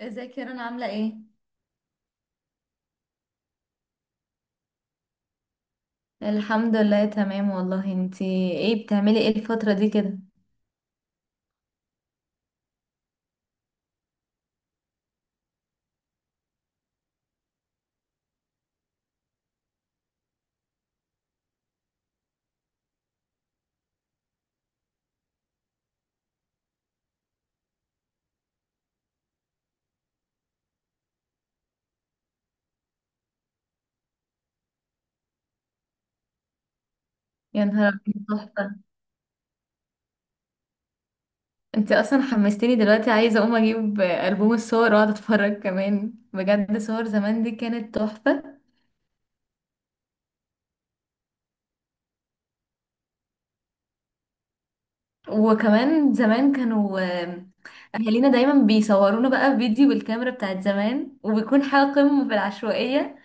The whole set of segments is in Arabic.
ازيك يا رنا عاملة ايه؟ الحمد لله تمام والله انتي. ايه بتعملي ايه الفترة دي كده؟ يا نهار أبيض، تحفة. انتي اصلا حمستيني دلوقتي، عايزة اقوم اجيب ألبوم الصور واقعد اتفرج كمان، بجد صور زمان دي كانت تحفة. وكمان زمان كانوا اهالينا دايما بيصورونا بقى فيديو بالكاميرا بتاعت زمان، وبيكون حاجة قمة في العشوائية.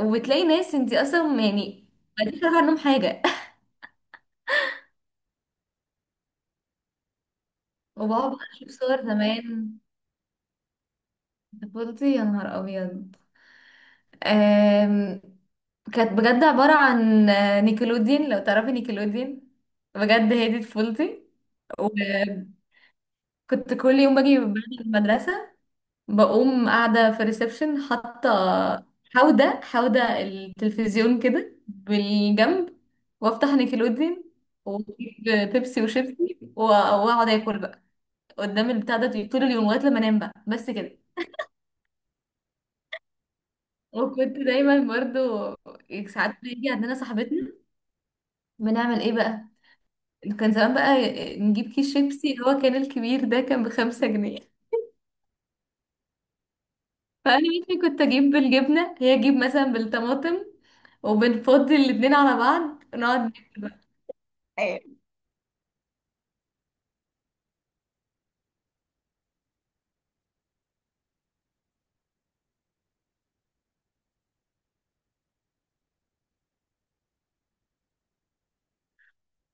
وبتلاقي ناس انتي اصلا يعني ما فاكرة عنهم حاجة. وبقعد بقى اشوف صور زمان. طفولتي يا نهار ابيض، آم، كانت بجد عبارة عن نيكلوديان، لو تعرفي نيكلوديان. بجد هي دي طفولتي. وكنت كل يوم باجي بعد المدرسة، بقوم قاعدة في الريسبشن، حاطة حودة التلفزيون كده بالجنب، وافتح نيكلوديان واجيب بيبسي وشيبسي واقعد اكل بقى قدام البتاع ده طول اليوم لغاية لما انام بقى، بس كده. وكنت دايما برضو ساعات بيجي عندنا صاحبتنا، بنعمل ايه بقى؟ كان زمان بقى نجيب كيس شيبسي اللي هو كان الكبير ده كان بخمسة جنيه، فانا مثلا كنت اجيب بالجبنه، هي تجيب مثلا بالطماطم، وبنفضي الاتنين على بعض ونقعد ناكل بقى. أيوة.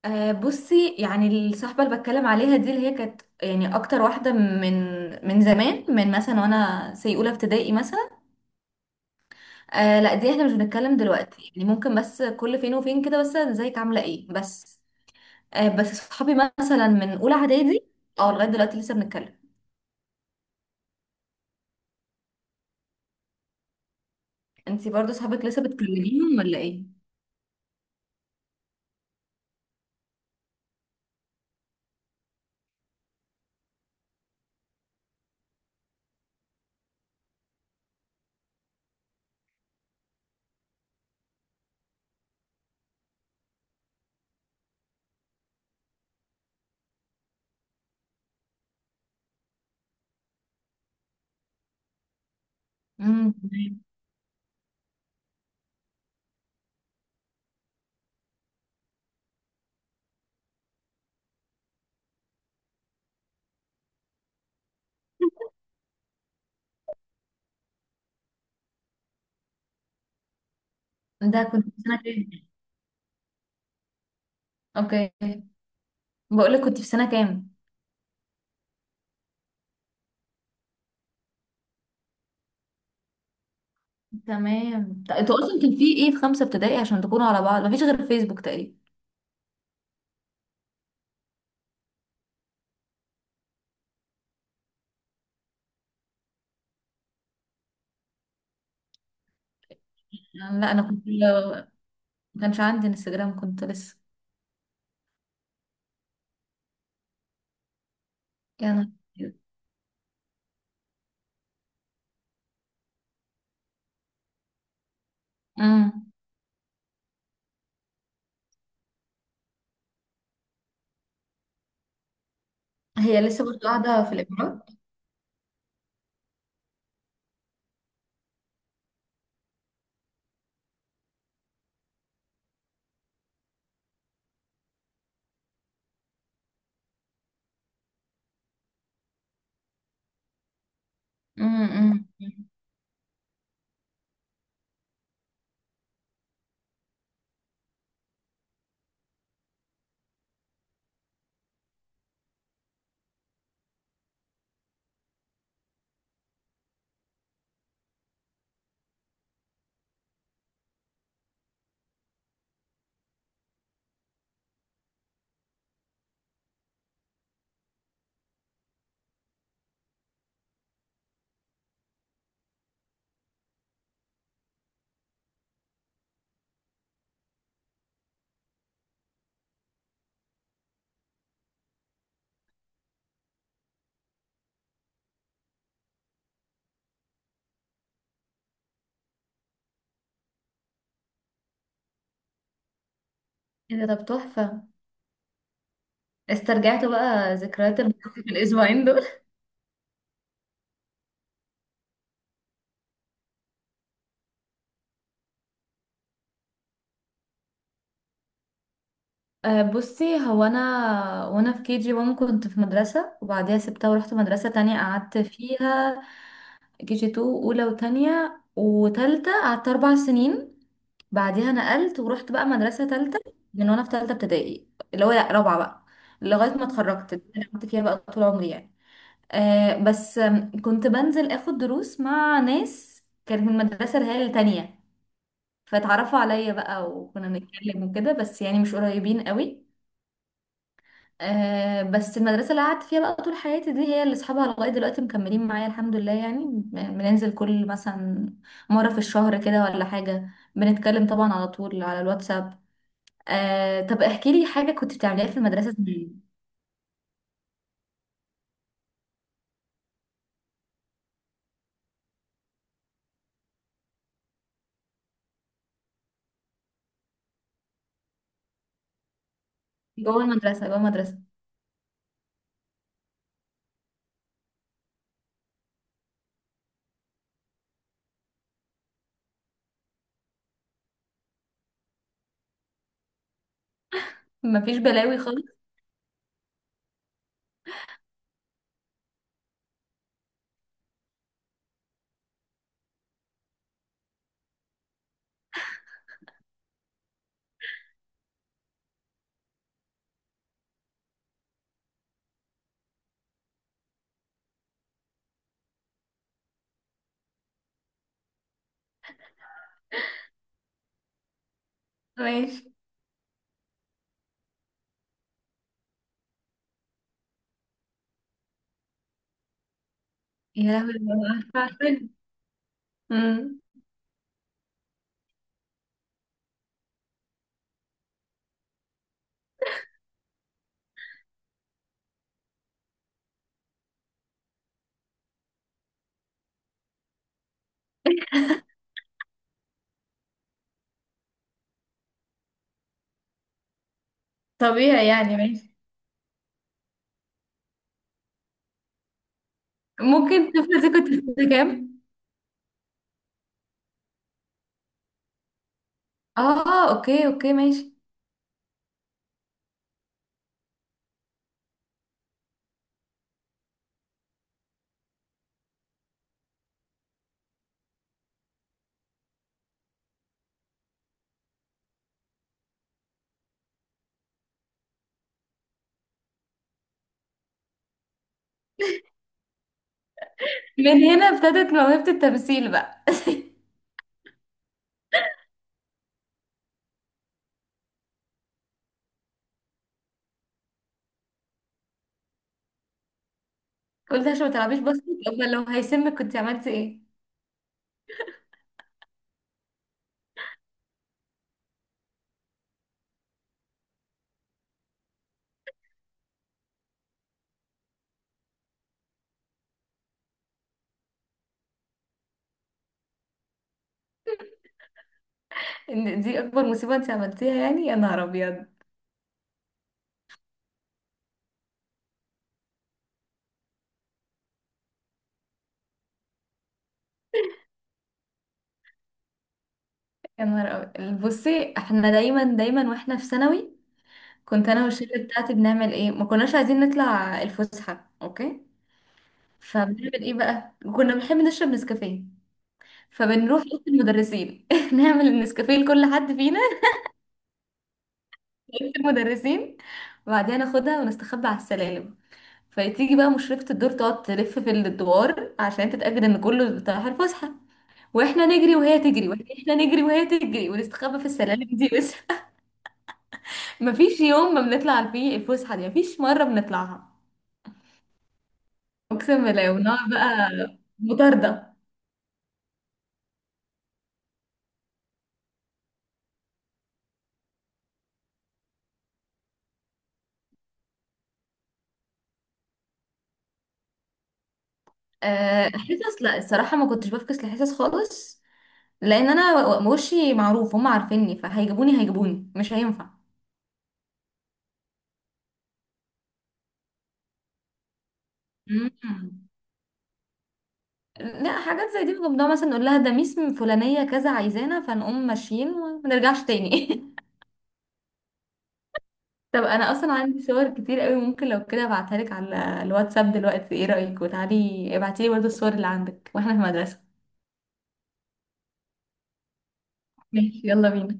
آه بصي، يعني الصحبه اللي بتكلم عليها دي اللي هي كانت يعني اكتر واحده من زمان، من مثلا وانا سي اولى ابتدائي مثلا. آه لا دي احنا مش بنتكلم دلوقتي، يعني ممكن بس كل فين وفين كده، بس ازيك عامله ايه بس. آه، بس صحابي مثلا من اولى اعدادي اه لغايه دلوقتي لسه بنتكلم. انتي برضو صحابك لسه بتكلميهم ولا ايه؟ تمام. ده كنت في سنه كام؟ اوكي بقول لك كنت في سنه كام؟ تمام. انتوا اصلا كان في ايه في خمسه ابتدائي عشان تكونوا على بعض؟ مفيش غير فيسبوك تقريبا. لا انا كنت، ما كانش عندي انستجرام، كنت لسه يعني. امم. هي لسه برضو قاعده في الامارات. امم. امم. ايه ده، طب تحفه، استرجعتوا بقى ذكريات المدرسة في الاسبوعين. أه بصي، هو انا وانا في كي جي 1 كنت في مدرسه، وبعديها سبتها ورحت مدرسه تانية قعدت فيها كي جي 2 اولى وتانية وتالتة، قعدت اربع سنين. بعديها نقلت ورحت بقى مدرسه تالتة، من وانا في تالتة ابتدائي، اللي هو لأ، رابعه بقى، لغايه ما اتخرجت، اللي انا قعدت فيها بقى طول عمري يعني. أه بس كنت بنزل اخد دروس مع ناس كانت من المدرسه اللي هي التانية، فاتعرفوا عليا بقى وكنا بنتكلم وكده، بس يعني مش قريبين قوي. آه بس المدرسة اللي قعدت فيها بقى طول حياتي دي هي اللي اصحابها لغاية دلوقتي مكملين معايا الحمد لله، يعني بننزل كل مثلا مرة في الشهر كده ولا حاجة، بنتكلم طبعا على طول على الواتساب. آه طب احكي لي حاجة كنت بتعمليها في المدرسة زمان. جوه المدرسة جوه المدرسة. مفيش بلاوي خالص. ماشي. يا لهوي، عارفة عارفة. امم. طبيعي يعني، ماشي. ممكن تفلسي، كنت في سنة كام؟ اه اوكي اوكي ماشي. من هنا ابتدت موهبة التمثيل بقى. قلت عشان ما تلعبيش باسكت، امال لو هيسمك كنت عملتي ايه؟ ان دي اكبر مصيبه انت عملتيها يعني، يا نهار ابيض. يا نهار ابيض، بصي احنا دايما واحنا في ثانوي، كنت انا والشله بتاعتي بنعمل ايه؟ ما كناش عايزين نطلع الفسحه، اوكي. فبنعمل ايه بقى؟ كنا بنحب نشرب نسكافيه، فبنروح اوضه المدرسين نعمل النسكافيه لكل حد فينا. أوضة المدرسين، وبعدين ناخدها ونستخبى على السلالم، فتيجي بقى مشرفة الدور تقعد تلف في الدوار عشان تتأكد ان كله رايح الفسحة، واحنا نجري وهي تجري واحنا نجري وهي تجري ونستخبى في السلالم دي بس. مفيش يوم ما بنطلع فيه الفسحه دي، مفيش مره بنطلعها، اقسم بالله، ونقعد بقى مطارده. آه، حصص لا الصراحه ما كنتش بفكس لحصص خالص، لان انا وشي معروف، هم عارفيني فهيجيبوني، هيجيبوني مش هينفع. مم. لا حاجات زي دي بنقوم ده مثلا نقول لها ده ميس فلانيه كذا عايزانا، فنقوم ماشيين وما نرجعش تاني. طب انا اصلا عندي صور كتير قوي، ممكن لو كده ابعتها لك على الواتساب دلوقتي، ايه رأيك؟ وتعالي ابعتي لي برضه الصور اللي عندك واحنا في المدرسة. ماشي يلا بينا.